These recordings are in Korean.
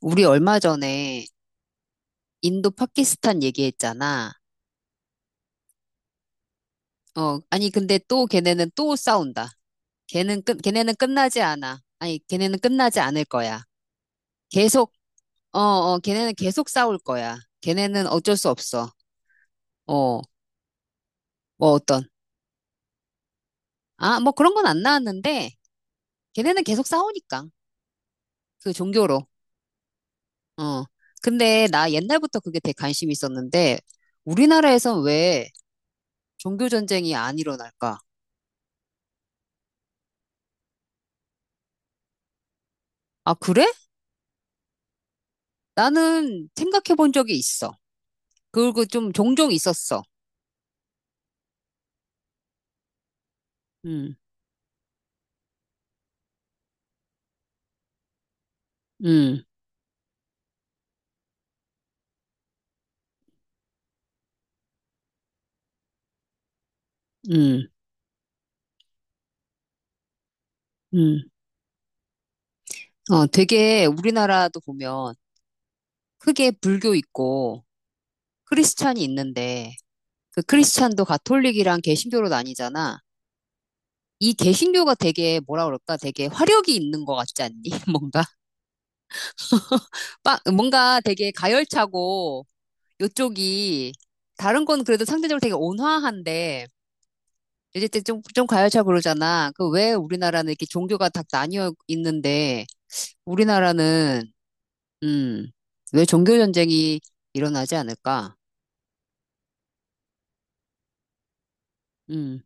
우리 얼마 전에 인도 파키스탄 얘기했잖아. 어, 아니 근데 또 걔네는 또 싸운다. 걔네는 끝나지 않아. 아니 걔네는 끝나지 않을 거야. 계속 어, 어, 걔네는 계속 싸울 거야. 걔네는 어쩔 수 없어. 어, 뭐 어떤 아, 뭐 그런 건 안 나왔는데 걔네는 계속 싸우니까 그 종교로. 어. 근데 나 옛날부터 그게 되게 관심이 있었는데 우리나라에선 왜 종교 전쟁이 안 일어날까? 아, 그래? 나는 생각해 본 적이 있어. 그리고 좀 종종 있었어. 음, 음, 음, 음. 어, 되게 우리나라도 보면 크게 불교 있고 크리스찬이 있는데 그 크리스찬도 가톨릭이랑 개신교로 나뉘잖아. 이 개신교가 되게 뭐라 그럴까? 되게 화력이 있는 것 같지 않니? 뭔가 뭔가 되게 가열차고 요쪽이 다른 건 그래도 상대적으로 되게 온화한데 이제 좀 가열차 그러잖아. 그 왜 우리나라는 이렇게 종교가 다 나뉘어 있는데, 우리나라는, 음, 왜 종교 전쟁이 일어나지 않을까? 음,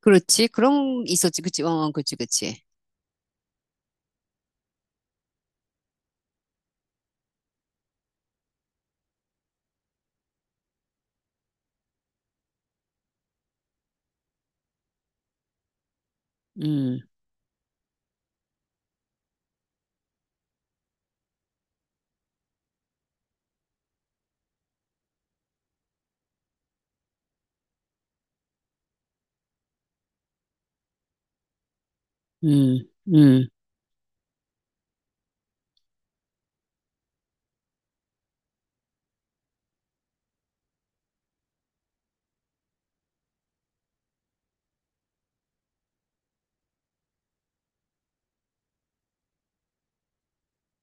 그렇지. 그런, 게 있었지. 그치. 어, 어, 그치, 그치. 음, 음, 음,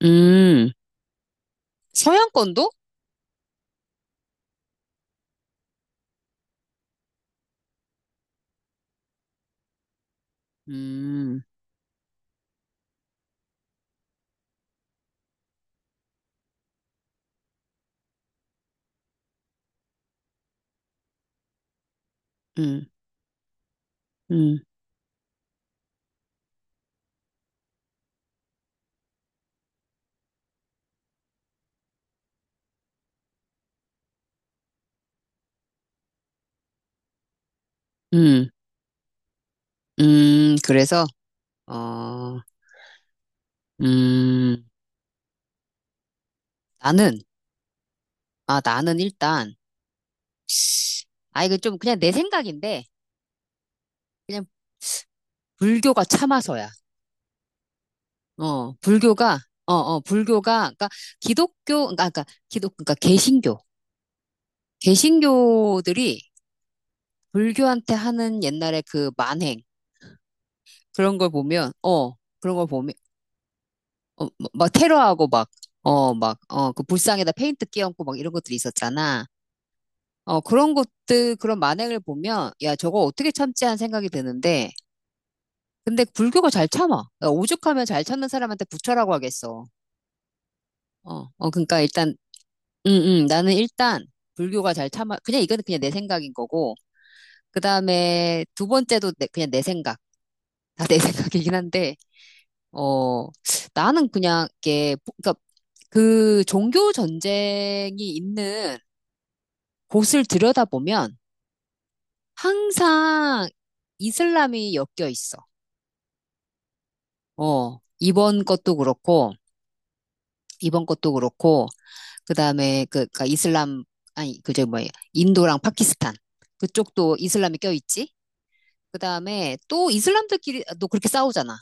음. 서양권도? 음, 음, 음, 음, 그래서, 어, 음, 나는, 아, 나는 일단, 아, 이거 좀 그냥 내 생각인데, 그냥 불교가 참아서야. 어, 불교가, 어, 어, 불교가, 그러니까 기독교, 그러니까, 그러니까 기독, 그러니까 개신교, 개신교들이 불교한테 하는 옛날에 그 만행, 그런 걸 보면, 어, 그런 걸 보면, 어, 뭐, 막 테러하고 막, 어, 막, 어, 그 불상에다 페인트 끼얹고 막 이런 것들이 있었잖아. 어, 그런 것들, 그런 만행을 보면, 야, 저거 어떻게 참지 하는 생각이 드는데, 근데 불교가 잘 참아. 그러니까 오죽하면 잘 참는 사람한테 부처라고 하겠어. 어, 어, 그러니까 일단 음, 나는 일단 불교가 잘 참아, 그냥 이거는 그냥 내 생각인 거고, 그 다음에 두 번째도 그냥 내 생각, 다 내 생각이긴 한데, 어, 나는 그냥 이게, 그러니까 그 종교 전쟁이 있는 곳을 들여다보면 항상 이슬람이 엮여 있어. 어, 이번 것도 그렇고, 이번 것도 그렇고, 그 다음에 그, 그러니까 이슬람, 아니, 그저 뭐야, 인도랑 파키스탄. 그쪽도 이슬람이 껴있지? 그다음에 또 이슬람들끼리도 그렇게 싸우잖아.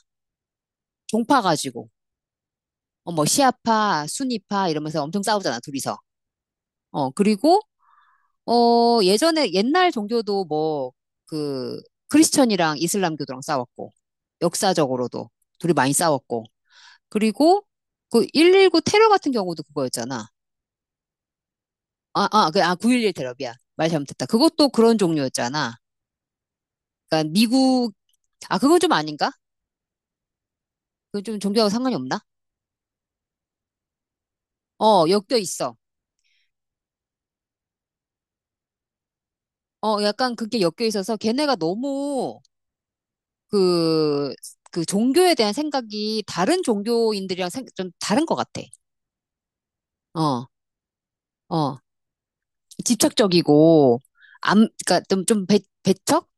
종파 가지고. 어, 뭐 시아파, 수니파 이러면서 엄청 싸우잖아, 둘이서. 어, 그리고 어, 예전에 옛날 종교도 뭐 그 크리스천이랑 이슬람교도랑 싸웠고 역사적으로도 둘이 많이 싸웠고. 그리고 그 119 테러 같은 경우도 그거였잖아. 아, 아, 그, 아, 9.11 테러비야. 말 잘못했다. 그것도 그런 종류였잖아. 그러니까 미국, 아, 그건 좀 아닌가? 그건 좀 종교하고 상관이 없나? 어, 엮여 있어. 어, 약간 그게 엮여 있어서 걔네가 너무 그, 그 종교에 대한 생각이 다른 종교인들이랑 좀 다른 것 같아. 어, 어. 집착적이고, 암, 그니까 좀, 좀 배, 배척?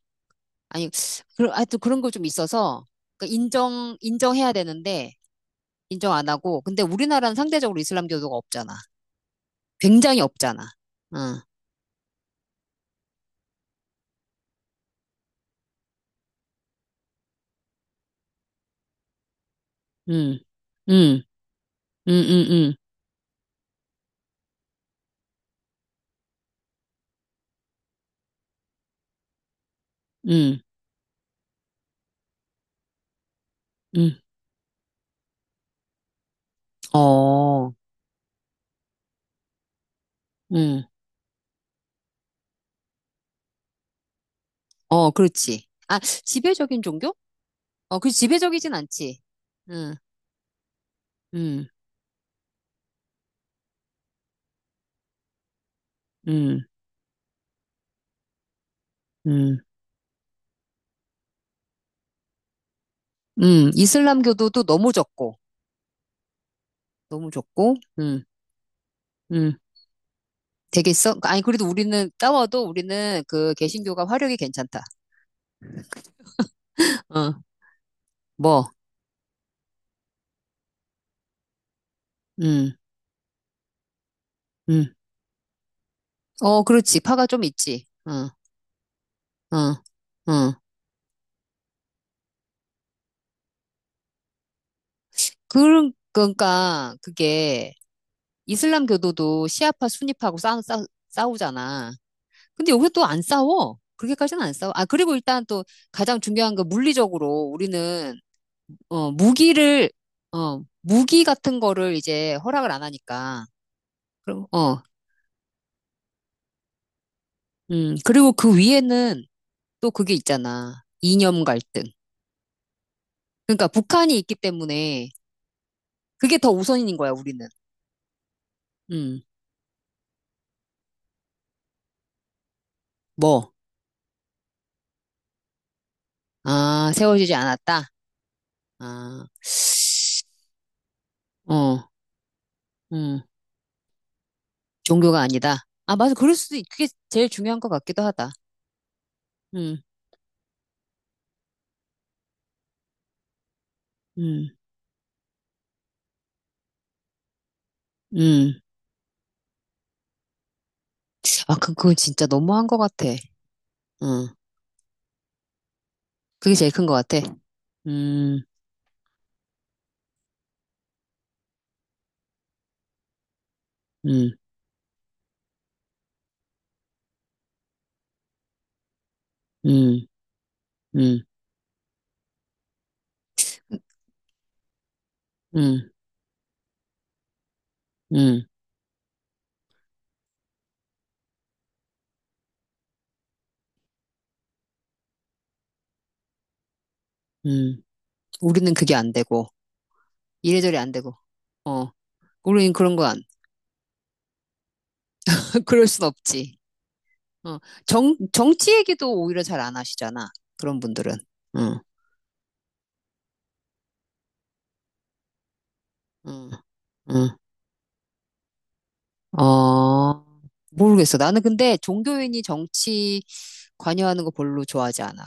아니, 그런, 하여튼 그런 거 좀 있어서, 그 인정, 인정해야 되는데, 인정 안 하고, 근데 우리나라는 상대적으로 이슬람교도가 없잖아. 굉장히 없잖아. 응, 응, 응, 응, 응, 응, 응, 응, 어, 응. 어, 그렇지. 아, 지배적인 종교? 어, 그 지배적이진 않지. 응, 응, 응, 응, 응. 이슬람교도 또 너무 적고, 너무 적고, 응, 응. 되겠어? 아니, 그래도 우리는 따워도 우리는 그 개신교가 화력이 괜찮다. 어, 뭐, 응, 응. 어, 그렇지. 파가 좀 있지. 응, 응, 응. 그, 그러니까 그게 이슬람교도도 시아파, 순위파하고 싸우잖아. 근데 여기서 또 안 싸워. 그렇게까지는 안 싸워. 아, 그리고 일단 또 가장 중요한 건 물리적으로 우리는, 어, 무기를, 어, 무기 같은 거를 이제 허락을 안 하니까. 그럼, 어, 그리고 그 위에는 또 그게 있잖아. 이념 갈등. 그러니까 북한이 있기 때문에 그게 더 우선인 거야, 우리는. 음, 뭐. 아, 세워지지 않았다. 아, 어, 음, 종교가 아니다. 아, 맞아. 그럴 수도, 그게 제일 중요한 것 같기도 하다. 음, 음. 음. 아, 그, 그건 진짜 너무한 것 같아. 응. 그게 제일 큰 것 같아. 음, 음, 음, 음, 음, 음, 음. 우리는 그게 안 되고, 이래저래 안 되고, 어. 우리는 그런 거 안, 그럴 순 없지. 어. 정, 정치 얘기도 오히려 잘 안 하시잖아. 그런 분들은. 응, 응, 응. 어, 모르겠어. 나는 근데 종교인이 정치 관여하는 거 별로 좋아하지 않아.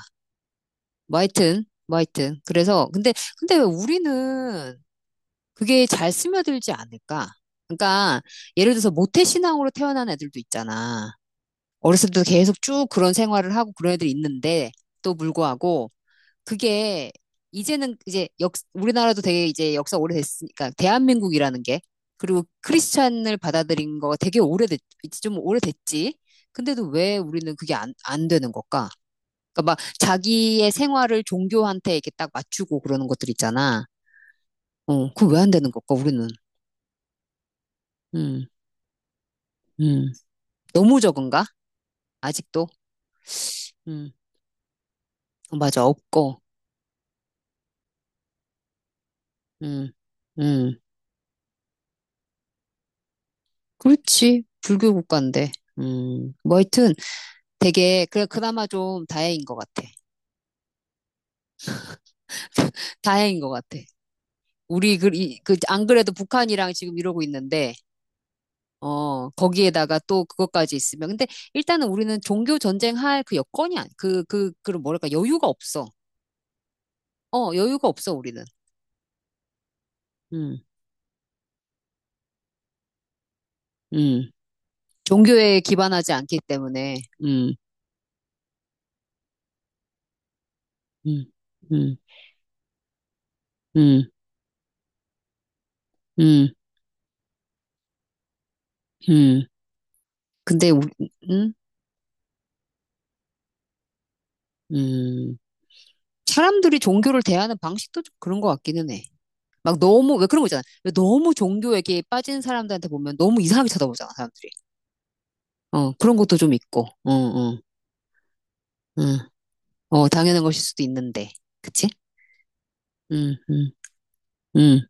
뭐 하여튼, 뭐 하여튼. 그래서, 근데, 근데 왜 우리는 그게 잘 스며들지 않을까? 그러니까 예를 들어서 모태 신앙으로 태어난 애들도 있잖아. 어렸을 때도 계속 쭉 그런 생활을 하고 그런 애들이 있는데 또 불구하고 그게 이제는 이제 역 우리나라도 되게 이제 역사 오래됐으니까 대한민국이라는 게 그리고 크리스찬을 받아들인 거 되게 오래됐 좀 오래됐지. 근데도 왜 우리는 그게 안, 안 되는 걸까? 그러니까 막 자기의 생활을 종교한테 이렇게 딱 맞추고 그러는 것들 있잖아. 어, 그거 왜 안 되는 걸까, 우리는? 음. 음, 너무 적은가? 아직도? 음, 어, 맞아, 없고. 음, 음, 그렇지. 불교 국가인데. 뭐 하여튼 되게, 그래, 그나마 좀 다행인 것 같아. 다행인 것 같아. 우리, 그, 그, 안 그래도 북한이랑 지금 이러고 있는데, 어, 거기에다가 또 그것까지 있으면. 근데 일단은 우리는 종교 전쟁할 그 여건이 안, 그런 뭐랄까, 여유가 없어. 어, 여유가 없어, 우리는. 음, 음. 종교에 기반하지 않기 때문에. 음, 음, 음. 음. 음, 음. 근데, 음, 음. 사람들이 종교를 대하는 방식도 좀 그런 것 같기는 해. 막 너무, 왜 그런 거 있잖아. 왜 너무 종교에게 빠진 사람들한테 보면 너무 이상하게 쳐다보잖아, 사람들이. 어, 그런 것도 좀 있고. 응, 응, 응. 어, 당연한 것일 수도 있는데. 그치? 응, 응, 응.